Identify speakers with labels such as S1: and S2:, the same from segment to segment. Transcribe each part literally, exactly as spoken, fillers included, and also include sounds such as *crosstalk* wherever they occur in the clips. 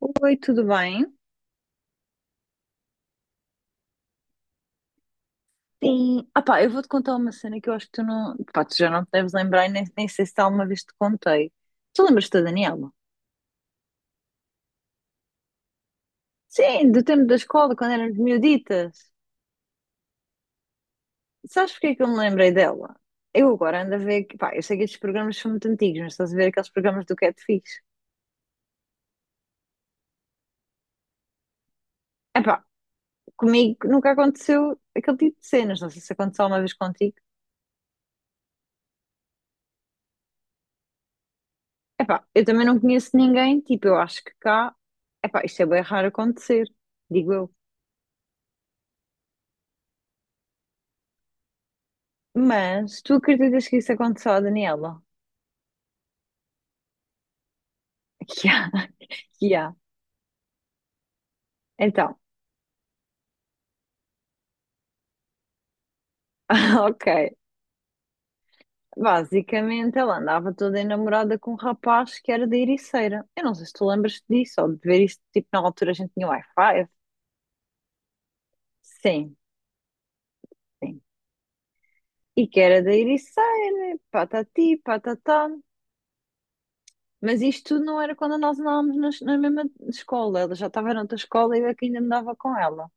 S1: Oi, tudo bem? Sim. Ah pá, eu vou-te contar uma cena que eu acho que tu não. Pá, tu já não te deves lembrar, e nem, nem sei se alguma vez te contei. Tu lembras-te da Daniela? Sim, do tempo da escola, quando éramos miuditas. Sabes porque é que eu me lembrei dela? Eu agora ando a ver. que- Pá, eu sei que estes programas são muito antigos, mas estás a ver aqueles programas do Catfish. É pá, comigo nunca aconteceu aquele tipo de cenas. Não sei se aconteceu alguma vez contigo. É, eu também não conheço ninguém. Tipo, eu acho que cá. É pá, isto é bem raro acontecer, digo eu. Mas tu acreditas que isso aconteceu à Daniela? *laughs* Que há, que há. Então, *laughs* ok. Basicamente, ela andava toda enamorada com um rapaz que era da Ericeira. Eu não sei se tu lembras disso ou de ver isso, tipo, na altura a gente tinha Wi-Fi. Sim, sim. E que era da Ericeira, patati, patatá. Mas isto tudo não era quando nós andávamos nas- na, mesma escola. Ela já estava noutra escola e eu é que ainda andava com ela.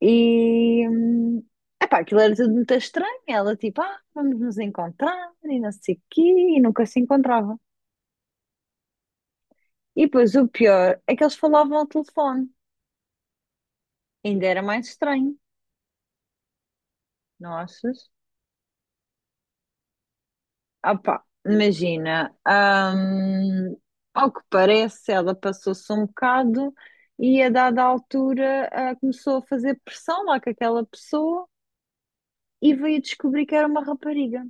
S1: E, hum, epá, aquilo era tudo muito estranho. Ela tipo, ah, vamos nos encontrar e não sei o quê, e nunca se encontrava. E depois o pior é que eles falavam ao telefone. Ainda era mais estranho, não achas? Ah, pá, imagina, hum, ao que parece, ela passou-se um bocado e a dada altura ah, começou a fazer pressão lá com aquela pessoa e veio descobrir que era uma rapariga.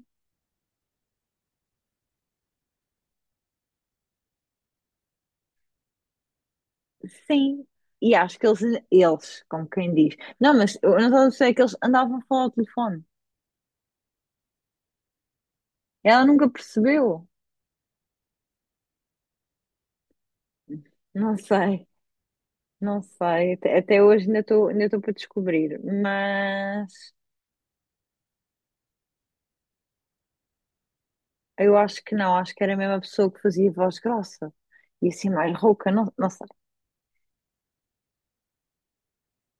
S1: Sim, e acho que eles, eles, como quem diz, não, mas eu não sei que eles andavam a falar ao telefone. Ela nunca percebeu, não sei, não sei, até, até hoje ainda estou ainda estou para descobrir, mas eu acho que não, acho que era a mesma pessoa que fazia voz grossa e assim mais rouca, não, não sei,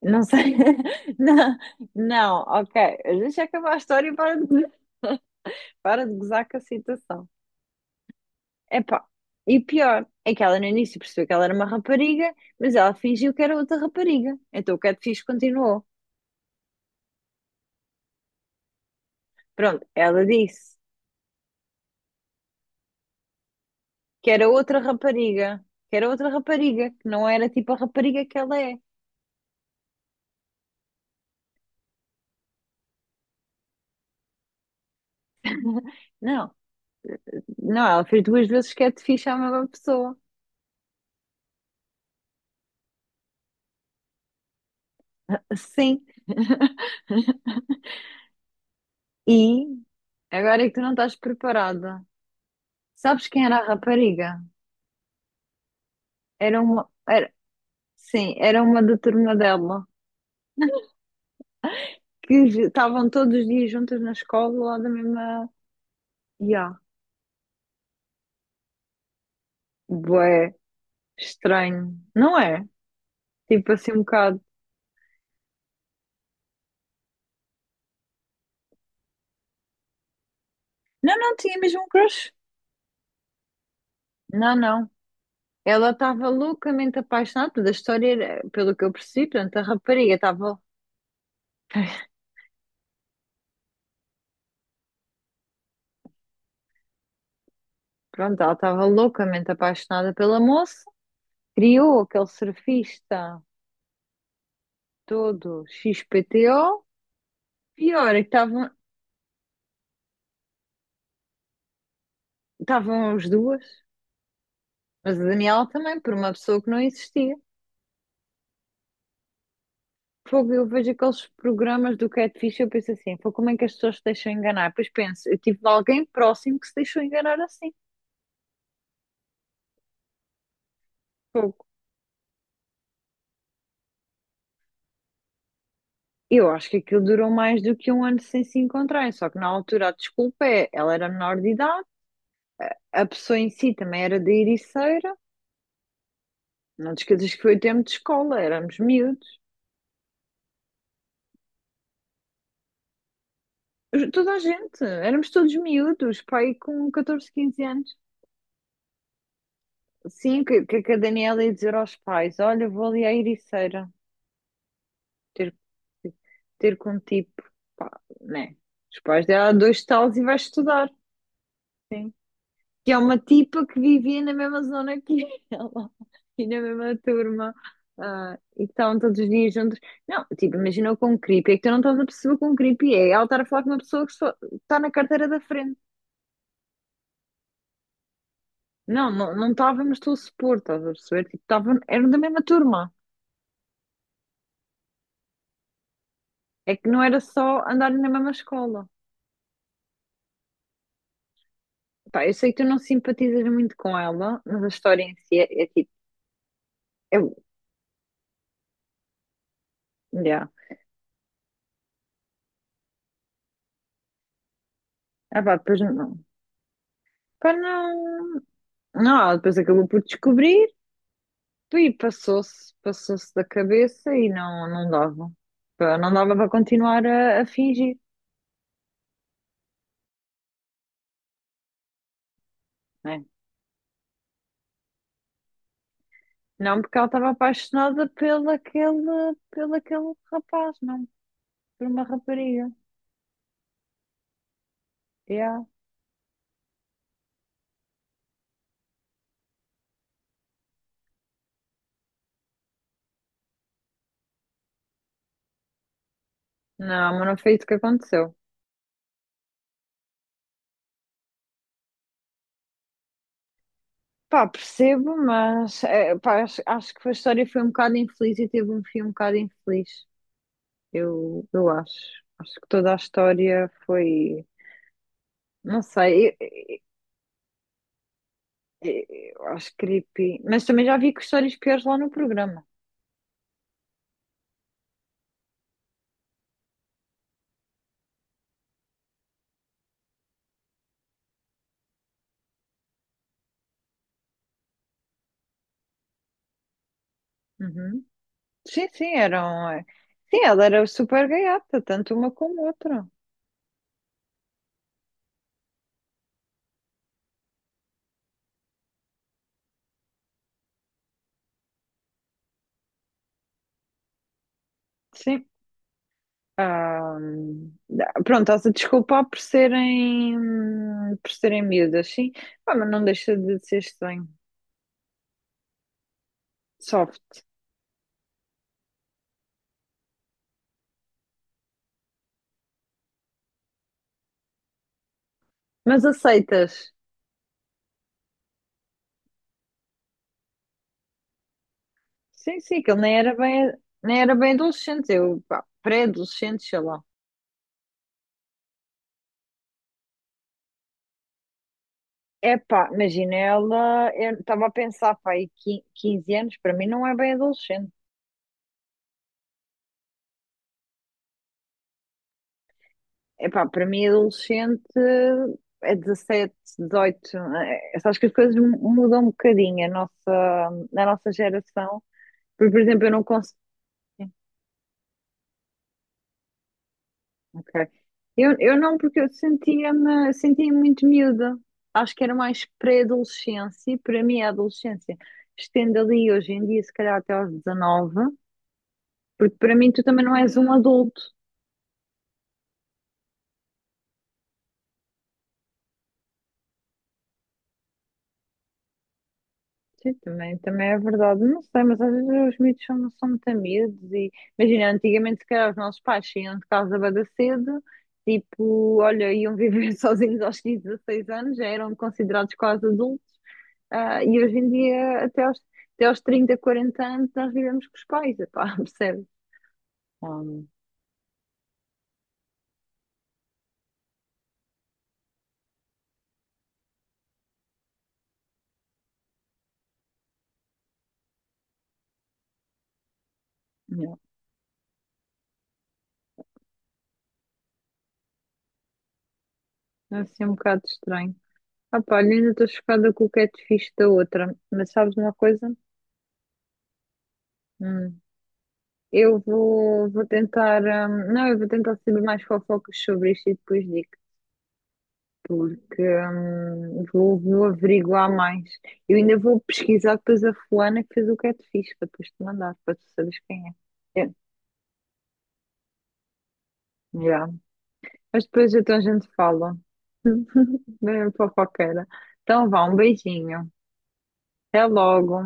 S1: não sei, *laughs* não, não, ok, deixa acabar a história e para de, para de gozar com a situação. Epá, e pior é que ela no início percebeu que ela era uma rapariga, mas ela fingiu que era outra rapariga. Então o catfish continuou. Pronto, ela disse que era outra rapariga, que era outra rapariga, que não era tipo a rapariga que ela é. *laughs* Não, não, ela fez duas vezes catfish à mesma pessoa. Sim, e agora é que tu não estás preparada. Sabes quem era a rapariga? Era uma, era, sim, era uma da turma dela, que j- estavam todos os dias juntas na escola, lá da mesma. Ya, bué, estranho, não é? Tipo assim um bocado. Não, não tinha mesmo um crush. Não, não. Ela estava loucamente apaixonada, toda a história era, pelo que eu percebi, portanto, a rapariga estava, pronto, ela estava loucamente apaixonada pela moça, criou aquele surfista todo X P T O, pior é que estavam, estavam as duas, mas a Daniela também, por uma pessoa que não existia. Fogo, eu vejo aqueles programas do Catfish e eu penso assim, fogo, como é que as pessoas se deixam enganar? Depois penso, eu tive alguém próximo que se deixou enganar assim. Fogo. Eu acho que aquilo durou mais do que um ano sem se encontrarem, só que na altura a desculpa é, ela era menor de idade, a pessoa em si também era da Ericeira, não te esqueças que foi o tempo de escola, éramos miúdos. Toda a gente, éramos todos miúdos, pai com catorze, quinze anos. Sim, que, que a Daniela ia dizer aos pais, olha, vou ali à Ericeira ter ter com um tipo, pá, né? Os pais dela, há dois talos e vai estudar. Que é uma tipa que vivia na mesma zona que *laughs* ela e na mesma turma. Ah, e que estavam todos os dias juntos. Não, tipo, imagina com um creepy. É que tu não estás a perceber com um creepy. É ela estar a falar com uma pessoa que só está na carteira da frente. Não, não não estávamos, estou a supor, estás a perceber? Tipo, estavam, eram da mesma turma. É que não era só andarem na mesma escola. Pá, eu sei que tu não simpatizas muito com ela, mas a história em si é, é tipo, é, yeah. Ah pá, depois não. Pá, não. Não, ela depois acabou por descobrir e passou-se, passou-se da cabeça e não, não dava. Pá, não dava para continuar a, a fingir, né? Não, porque ela estava apaixonada pelo aquele, pelo aquele rapaz, não, por uma rapariga. Yeah. Não, mas não foi isso que aconteceu. Pá, percebo, mas é, pá, acho, acho que a história foi um bocado infeliz e teve um fim um bocado infeliz. Eu, eu acho. Acho que toda a história foi. Não sei, eu, eu- eu acho creepy. Mas também já vi que histórias piores lá no programa. Uhum. Sim, sim, eram. eh, Sim, ela era super gaiata, tanto uma como outra. Sim. Ah, pronto, estás a desculpar por serem, por serem, miúdas, sim. Pá, mas não deixa de ser estranho. Soft. Mas aceitas? Sim, sim, que ele nem era bem, nem era bem adolescente, eu, pá, pré-adolescente, sei lá. Epá, imagina, ela, eu estava a pensar, pá, aí quinze anos, para mim não é bem adolescente. Epá, para mim adolescente é dezassete, dezoito, eh, sabes que as coisas mu- mudam um bocadinho a nossa, na nossa geração. Por, por exemplo, eu não consigo, ok. Eu, eu não, porque eu sentia-me, sentia muito miúda. Acho que era mais pré-adolescência, e para mim a adolescência estende ali hoje em dia, se calhar até aos dezanove. Porque para mim tu também não és um adulto. Sim, também, também é verdade. Não sei, mas às vezes os mitos são, são muito amigos e imagina, antigamente se calhar os nossos pais saíam de casa bada cedo, tipo, olha, iam viver *laughs* sozinhos aos quinze, dezasseis anos, já eram considerados quase adultos, ah, e hoje em dia até aos, até aos trinta quarenta anos nós vivemos com os pais, epá, *laughs* percebe? Um, não. É assim um bocado estranho. Ah, pá, olha, ainda estou chocada com o catfish da outra, mas sabes uma coisa? Eu vou, vou tentar. Hum, não, eu vou tentar saber mais fofocas sobre isto e depois digo, porque hum, vou, vou averiguar mais. Eu ainda vou pesquisar depois a fulana que fez o catfish para depois te mandar, para tu saberes quem é. É, já. Mas depois então a gente fala. *laughs* Bem fofoqueira. Então vá, um beijinho. Até logo.